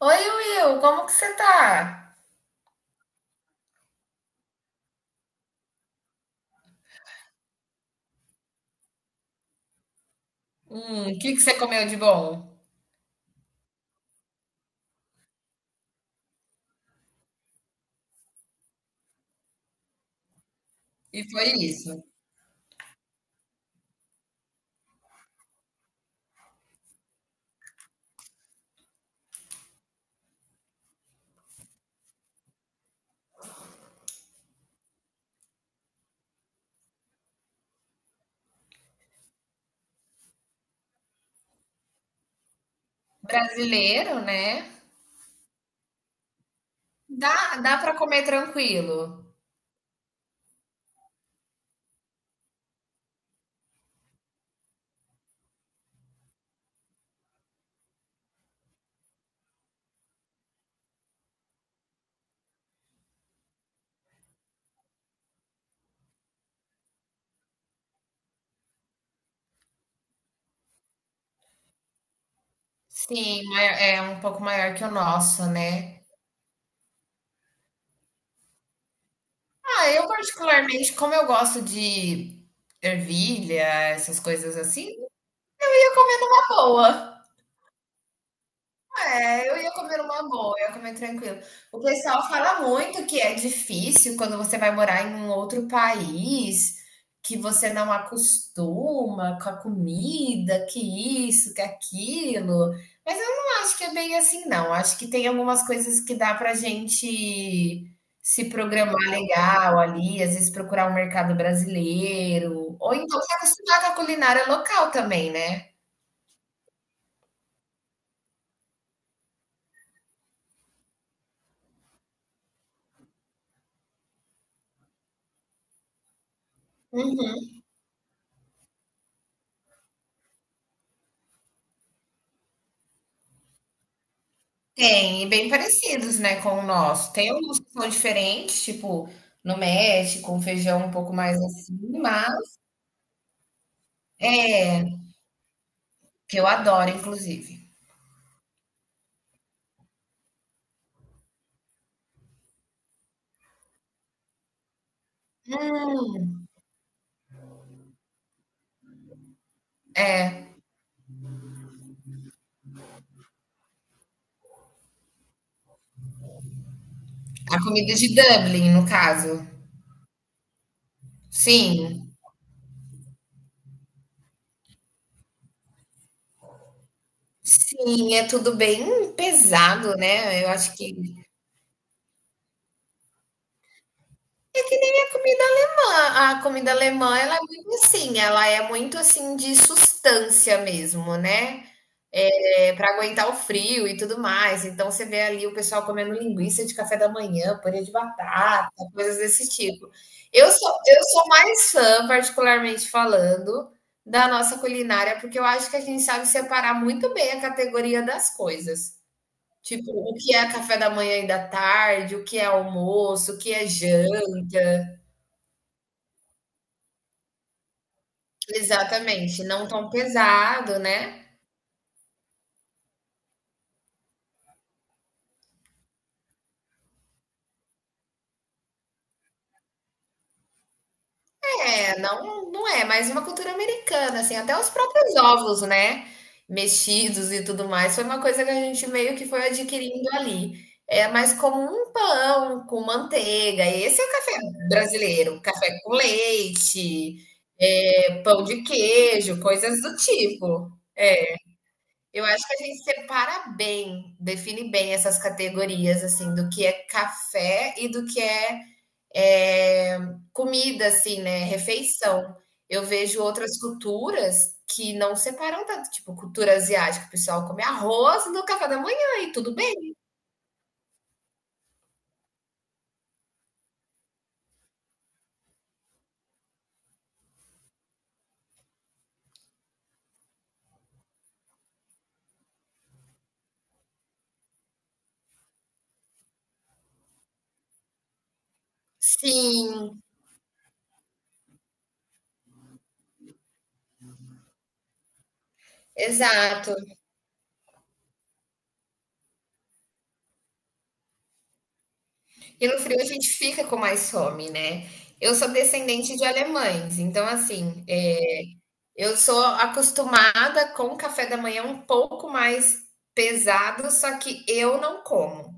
Oi, Will, como que você tá? O que que você comeu de bom? E foi isso. Brasileiro, né? Dá para comer tranquilo. Sim, é um pouco maior que o nosso, né? Ah, eu particularmente, como eu gosto de ervilha, essas coisas assim, eu ia comer numa boa. É, eu ia comer uma boa, eu ia comer tranquilo. O pessoal fala muito que é difícil quando você vai morar em um outro país, que você não acostuma com a comida, que isso, que aquilo. Mas eu não acho que é bem assim, não. Acho que tem algumas coisas que dá pra gente se programar legal ali, às vezes procurar um mercado brasileiro, ou então se acostumar com a culinária local também, né? Tem, e bem parecidos, né, com o nosso. Tem alguns que são diferentes, tipo, no México, um feijão um pouco mais assim, mas é, que eu adoro, inclusive. Hum, a comida de Dublin, no caso. Sim, sim, é tudo bem pesado, né? Eu acho que é que nem a comida alemã. A comida alemã, ela é muito assim, ela é muito assim de substância mesmo, né? É, para aguentar o frio e tudo mais. Então você vê ali o pessoal comendo linguiça de café da manhã, purê de batata, coisas desse tipo. Eu sou mais fã, particularmente falando, da nossa culinária, porque eu acho que a gente sabe separar muito bem a categoria das coisas. Tipo, o que é café da manhã e da tarde, o que é almoço, o que é janta. Exatamente, não tão pesado, né? É, não, não é, mas uma cultura americana, assim, até os próprios ovos, né, mexidos e tudo mais, foi uma coisa que a gente meio que foi adquirindo ali. É mais como um pão com manteiga, esse é o café brasileiro, café com leite, é, pão de queijo, coisas do tipo. É, eu acho que a gente separa bem, define bem essas categorias, assim, do que é café e do que é, comida, assim, né, refeição. Eu vejo outras culturas que não separam tanto, tipo, cultura asiática, o pessoal come arroz no café da manhã e tudo bem. Sim, exato. E no frio a gente fica com mais fome, né? Eu sou descendente de alemães, então assim, eu sou acostumada com o café da manhã um pouco mais pesado, só que eu não como.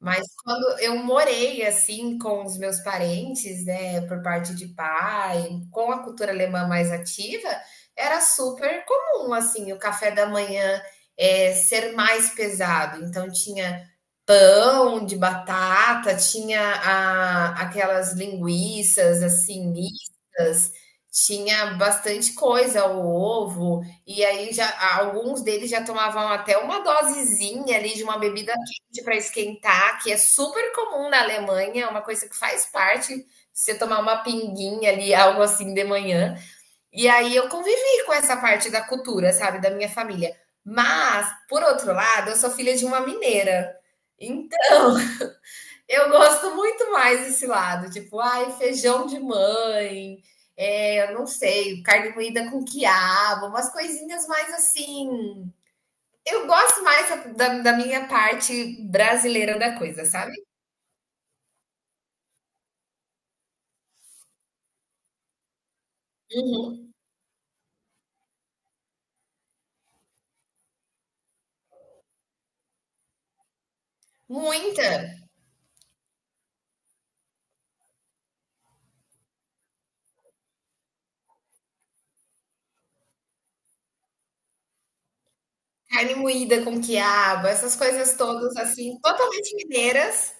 Mas quando eu morei, assim, com os meus parentes, né, por parte de pai, com a cultura alemã mais ativa, era super comum, assim, o café da manhã, é ser mais pesado. Então tinha pão de batata, tinha a, aquelas linguiças assim mistas, tinha bastante coisa, o ovo, e aí já alguns deles já tomavam até uma dosezinha ali de uma bebida quente para esquentar, que é super comum na Alemanha, é uma coisa que faz parte, você tomar uma pinguinha ali, algo assim de manhã. E aí eu convivi com essa parte da cultura, sabe, da minha família. Mas, por outro lado, eu sou filha de uma mineira. Então, eu gosto muito mais desse lado, tipo, ai, feijão de mãe, é, eu não sei, carne moída com quiabo, umas coisinhas mais assim. Eu gosto mais da, minha parte brasileira da coisa, sabe? Uhum. Muita carne moída com quiabo, essas coisas todas assim, totalmente mineiras.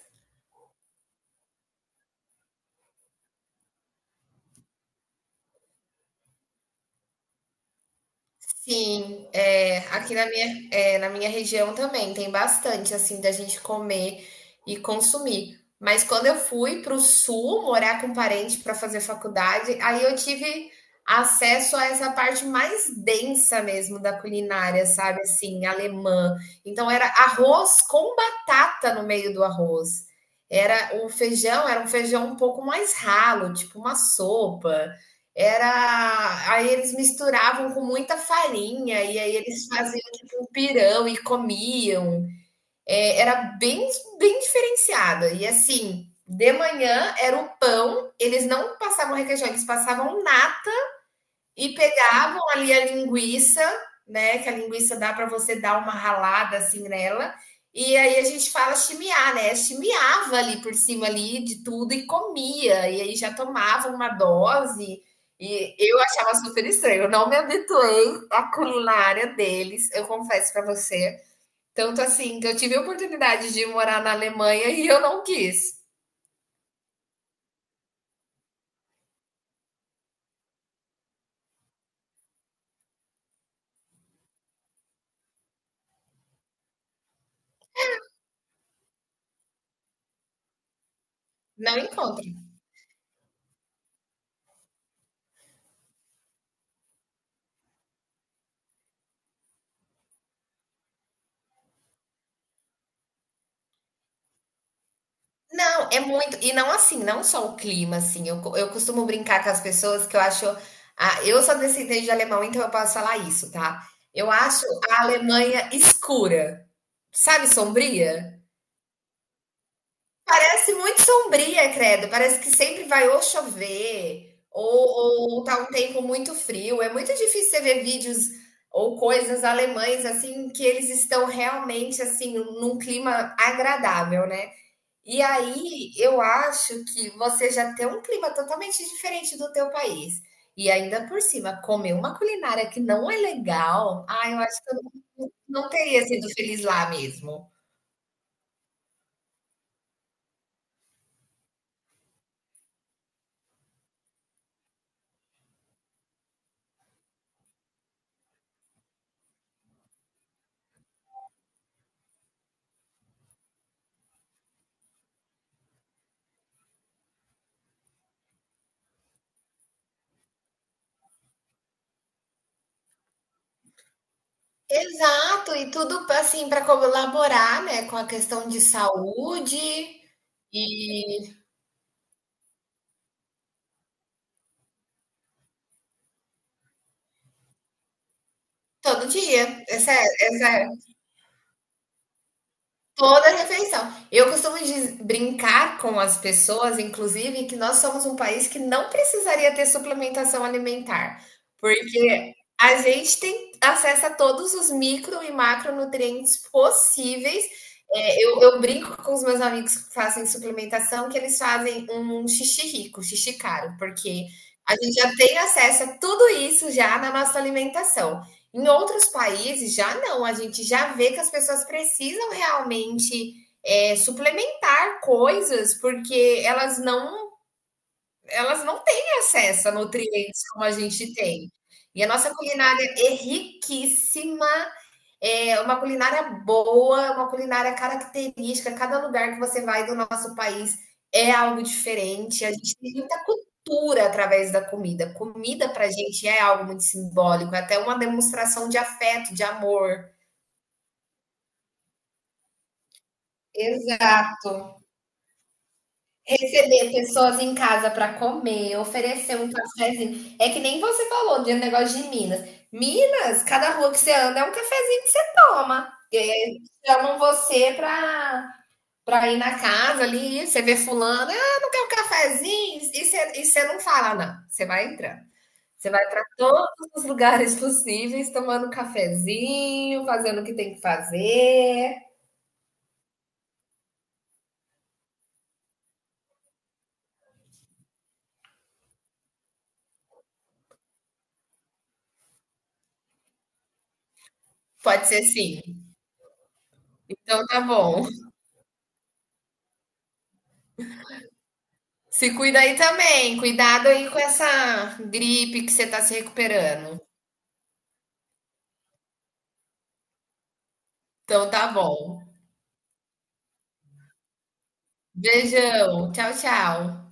Sim, é, aqui na minha, é, na minha região também tem bastante assim da gente comer e consumir. Mas quando eu fui para o sul morar com parente para fazer faculdade, aí eu tive acesso a essa parte mais densa mesmo da culinária, sabe? Assim, alemã. Então era arroz com batata no meio do arroz. Era o feijão, era um feijão um pouco mais ralo, tipo uma sopa. Era, aí eles misturavam com muita farinha e aí eles faziam tipo um pirão e comiam. É, era bem, bem diferenciada. E assim, de manhã era o pão, eles não passavam requeijão, eles passavam nata e pegavam ali a linguiça, né? Que a linguiça dá para você dar uma ralada assim nela. E aí a gente fala chimiar, né? Chimiava ali por cima ali de tudo e comia. E aí já tomava uma dose. E eu achava super estranho. Eu não me habituei à culinária deles, eu confesso para você. Tanto assim que eu tive a oportunidade de morar na Alemanha e eu não quis. Não encontro. Não, é muito e não assim, não só o clima, assim, eu costumo brincar com as pessoas que eu acho ah, eu sou descendente de alemão, então eu posso falar isso, tá. Eu acho a Alemanha escura, sabe, sombria? Parece muito sombria, credo, parece que sempre vai ou chover ou tá um tempo muito frio, é muito difícil você ver vídeos ou coisas alemães, assim, que eles estão realmente, assim, num clima agradável, né. E aí, eu acho que você já tem um clima totalmente diferente do teu país. E ainda por cima, comer uma culinária que não é legal, ah, eu acho que eu não teria sido feliz lá mesmo. Exato, e tudo assim para colaborar, né, com a questão de saúde e todo dia. Essa toda a refeição. Eu costumo brincar com as pessoas, inclusive, que nós somos um país que não precisaria ter suplementação alimentar, porque a gente tem acesso a todos os micro e macronutrientes possíveis. É, eu brinco com os meus amigos que fazem suplementação que eles fazem um xixi rico, xixi caro, porque a gente já tem acesso a tudo isso já na nossa alimentação. Em outros países já não, a gente já vê que as pessoas precisam realmente é, suplementar coisas porque elas não têm acesso a nutrientes como a gente tem. E a nossa culinária é riquíssima, é uma culinária boa, uma culinária característica. Cada lugar que você vai do nosso país é algo diferente. A gente tem muita cultura através da comida. Comida para a gente é algo muito simbólico, é até uma demonstração de afeto, de amor. Exato. Receber pessoas em casa para comer, oferecer um cafezinho. É que nem você falou de um negócio de Minas. Minas, cada rua que você anda é um cafezinho que você toma. E aí eles chamam você para ir na casa ali, você vê fulano, ah, não quer um cafezinho? E você não fala, "Ah, não. Você vai entrando. Você vai para todos os lugares possíveis, tomando um cafezinho, fazendo o que tem que fazer. Pode ser sim. Então tá bom. Se cuida aí também. Cuidado aí com essa gripe que você tá se recuperando. Então tá bom. Beijão. Tchau, tchau.